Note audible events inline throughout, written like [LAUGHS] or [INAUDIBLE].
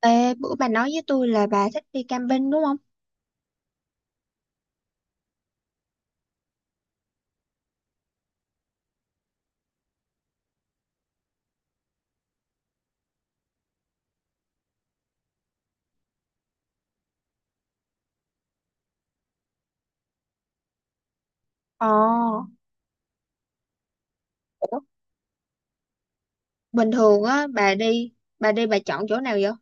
Ê, bữa bà nói với tôi là bà thích đi camping đúng không? Ồ, ủa, bình thường á, bà đi bà chọn chỗ nào vậy?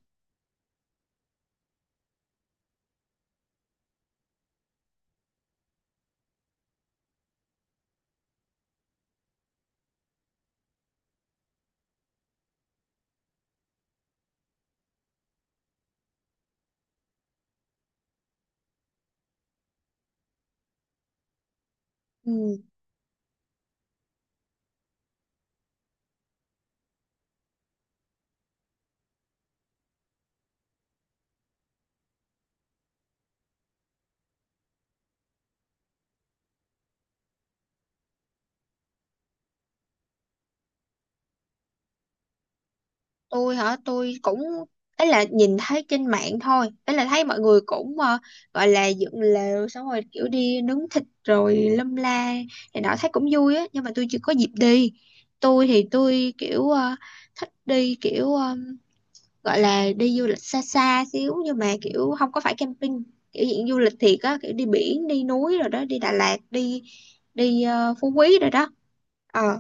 Ừ, tôi hả, ấy là nhìn thấy trên mạng thôi, ấy là thấy mọi người cũng gọi là dựng lều xong rồi kiểu đi nướng thịt rồi lâm la, thì đó thấy cũng vui á, nhưng mà tôi chưa có dịp đi. Tôi thì tôi thích đi gọi là đi du lịch xa xa xíu nhưng mà kiểu không có phải camping, kiểu diện du lịch thiệt á, kiểu đi biển đi núi rồi đó đi Đà Lạt đi đi Phú Quý rồi đó. Ờ,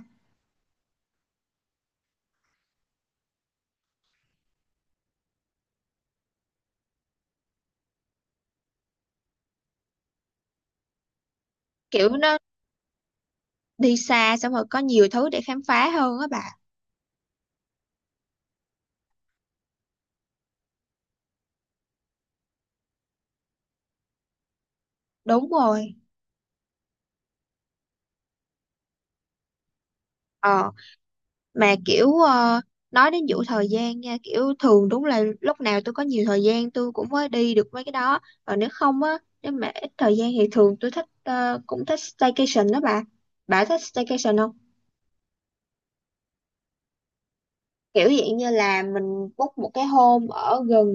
kiểu nó đi xa xong rồi có nhiều thứ để khám phá hơn á bà. Đúng rồi. Ờ, mà nói đến vụ thời gian nha, kiểu thường đúng là lúc nào tôi có nhiều thời gian tôi cũng mới đi được mấy cái đó, còn nếu không á, nếu mà ít thời gian thì thường tôi thích cũng thích staycation đó bà. Bà thích staycation không? Kiểu dạng như là mình book một cái hôm ở gần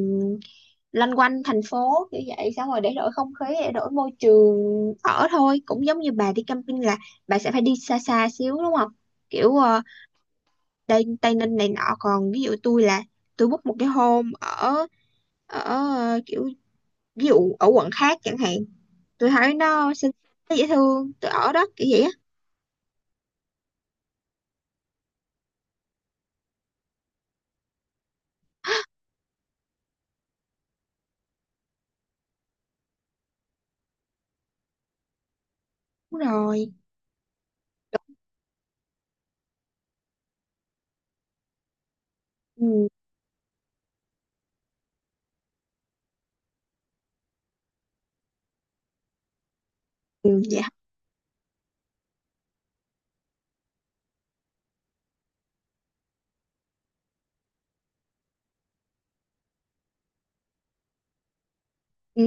loanh quanh thành phố kiểu vậy, xong rồi để đổi không khí, để đổi môi trường. Ở thôi cũng giống như bà đi camping là bà sẽ phải đi xa xa xíu đúng không? kiểu ờ, Tây Tây Ninh này nọ, còn ví dụ tôi là tôi book một cái hôm ở ở ờ, kiểu ví dụ ở quận khác chẳng hạn, tôi thấy nó xinh, nó dễ thương tôi ở đó kiểu vậy á. Đúng rồi. Ừ, ừ, dạ, ừ.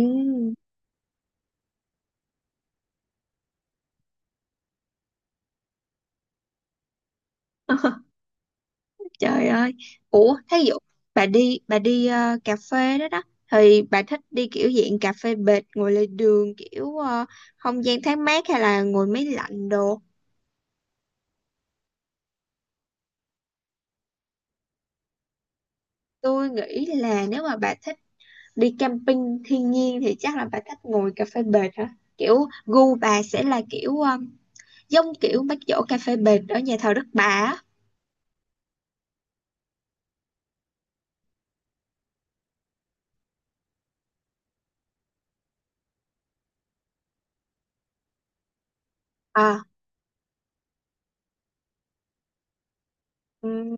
Trời ơi. Ủa, thí dụ bà đi cà phê đó đó, thì bà thích đi kiểu dạng cà phê bệt ngồi lề đường kiểu không gian thoáng mát hay là ngồi máy lạnh đồ. Tôi nghĩ là nếu mà bà thích đi camping thiên nhiên thì chắc là bà thích ngồi cà phê bệt hả? Kiểu gu bà sẽ là giống kiểu bác giỗ cà phê bệt ở nhà thờ Đức Bà á. Ờ. Ừ.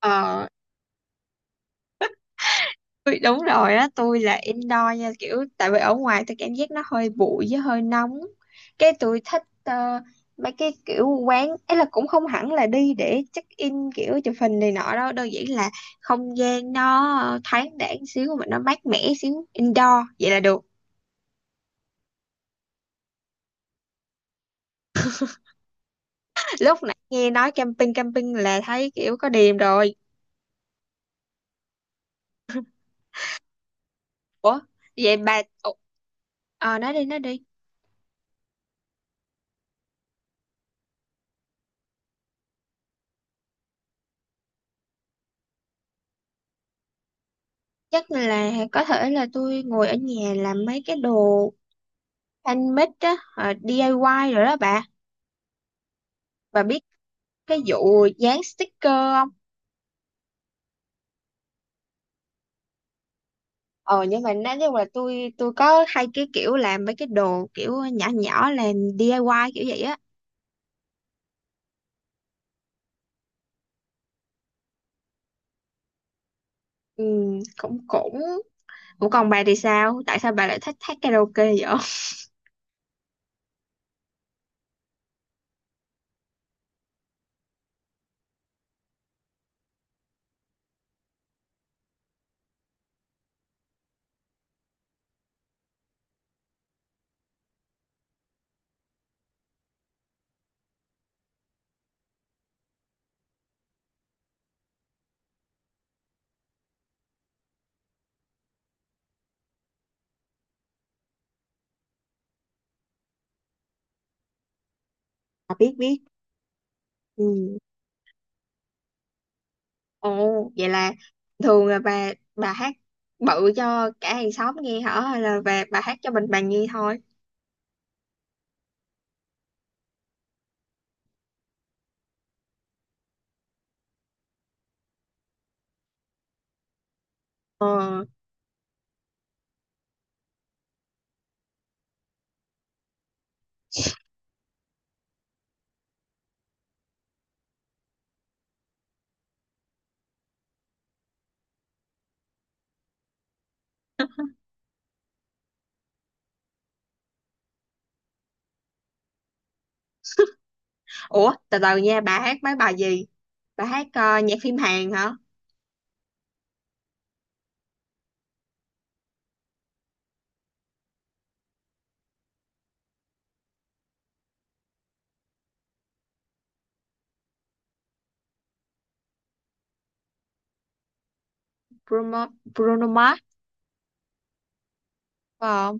Ờ. Ui, đúng rồi á, tôi là indoor nha, kiểu tại vì ở ngoài tôi cảm giác nó hơi bụi với hơi nóng. Cái tôi thích mấy cái kiểu quán ấy là cũng không hẳn là đi để check in kiểu chụp hình này nọ đâu, đơn giản là không gian nó thoáng đãng xíu mà nó mát mẻ xíu, indoor vậy là được. Lúc nãy nghe nói camping camping là thấy kiểu có điềm rồi. Ủa vậy bà. Ồ, ờ, nói đi nói đi. Chắc là có thể là tôi ngồi ở nhà làm mấy cái đồ Thanh mít á, DIY rồi đó bà. Bà biết cái vụ dán sticker không? Ờ, nhưng mà nói chung là tôi có hay cái kiểu làm mấy cái đồ kiểu nhỏ nhỏ, làm DIY kiểu vậy á. Ừ, cũng cũng cũng còn bà thì sao, tại sao bà lại thích hát karaoke vậy? [LAUGHS] Ừ. Ồ, vậy là thường là bà hát bự cho cả hàng xóm nghe hả, hay là bà hát cho mình bà nghe thôi? Ờ. Ủa từ từ nha, bà hát mấy bài gì? Bà hát nhạc phim Hàn hả? Bruno, Bruno Mars phải không?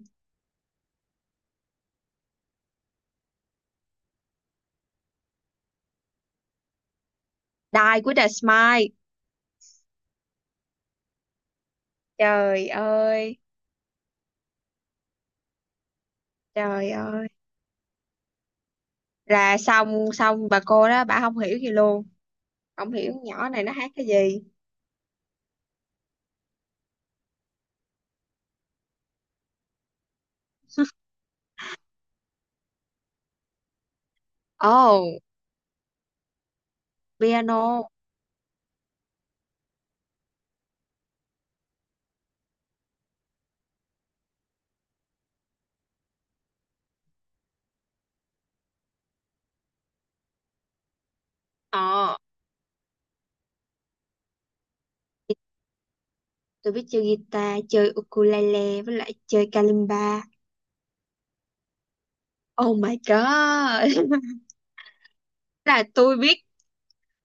Die with a Smile. Trời ơi. Trời ơi. Là xong xong bà cô đó bà không hiểu gì luôn, không hiểu nhỏ này nó hát cái gì. Oh. Piano. Ờ, tôi biết chơi guitar, chơi ukulele, với lại chơi kalimba. Oh my god. [LAUGHS] Là tôi biết,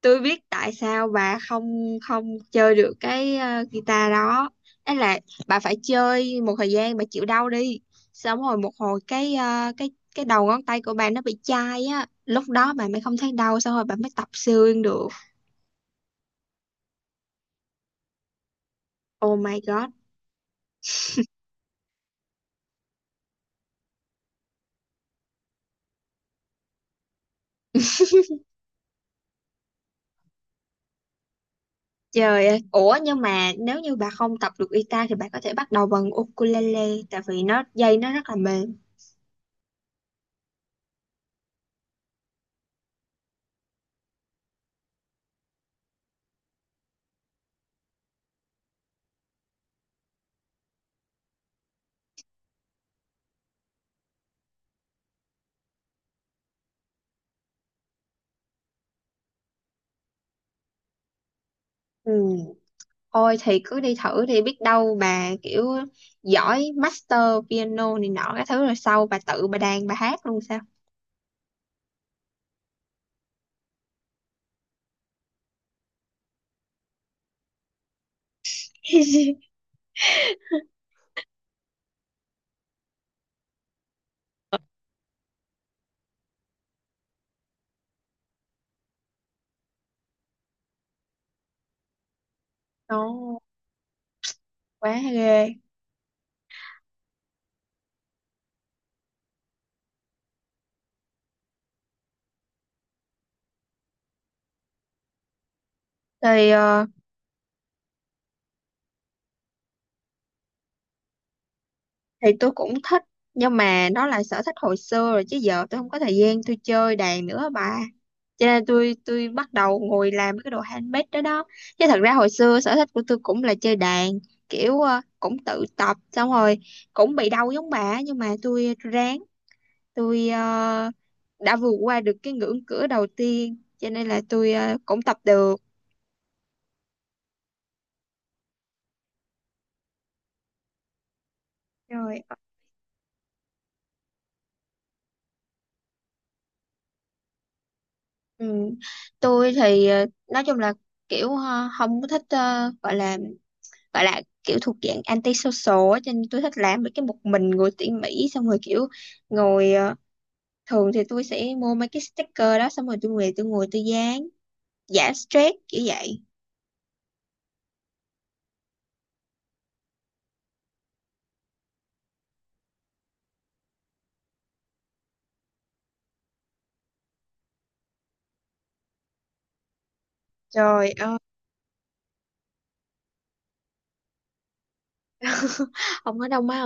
tôi biết tại sao bà không không chơi được cái guitar đó. Ấy là bà phải chơi một thời gian, bà chịu đau đi, xong rồi một hồi cái cái đầu ngón tay của bà nó bị chai á, lúc đó bà mới không thấy đau, xong rồi bà mới tập xương được. Oh my god. Trời ơi. Ủa nhưng mà nếu như bà không tập được guitar thì bà có thể bắt đầu bằng ukulele, tại vì nó dây nó rất là mềm. Ừ. Ôi thì cứ đi thử đi, biết đâu bà kiểu giỏi master piano này nọ cái thứ, rồi sau bà tự bà đàn bà hát luôn sao. Đó, quá ghê. Thì ờ, thì tôi cũng thích, nhưng mà đó là sở thích hồi xưa rồi, chứ giờ tôi không có thời gian tôi chơi đàn nữa bà. Cho nên tôi bắt đầu ngồi làm cái đồ handmade đó đó. Chứ thật ra hồi xưa sở thích của tôi cũng là chơi đàn, cũng tự tập xong rồi cũng bị đau giống bà, nhưng mà tôi ráng, tôi đã vượt qua được cái ngưỡng cửa đầu tiên, cho nên là tôi cũng tập được rồi. Ừ. Tôi thì nói chung là không có thích, gọi là kiểu thuộc dạng anti-social á, cho nên tôi thích làm mấy cái một mình ngồi tỉ mỉ, xong rồi kiểu ngồi ờ, thường thì tôi sẽ mua mấy cái sticker đó, xong rồi tôi về tôi ngồi tôi dán, giải stress kiểu vậy. Trời ơi. [LAUGHS] Không có đâu má.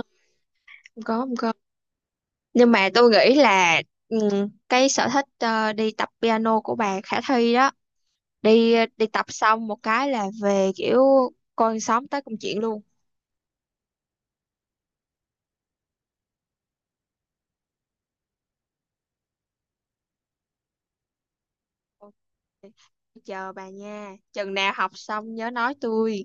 Không có. Nhưng mà tôi nghĩ là cái sở thích đi tập piano của bà khả thi đó. Đi đi tập xong một cái là về kiểu coi con sóng tới công chuyện luôn. Ok, chờ bà nha, chừng nào học xong nhớ nói tôi.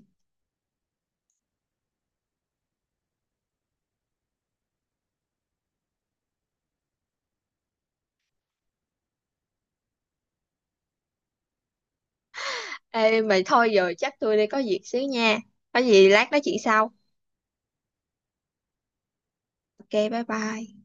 Ê mà thôi, giờ chắc tôi đi có việc xíu nha, có gì lát nói chuyện sau. Ok bye bye.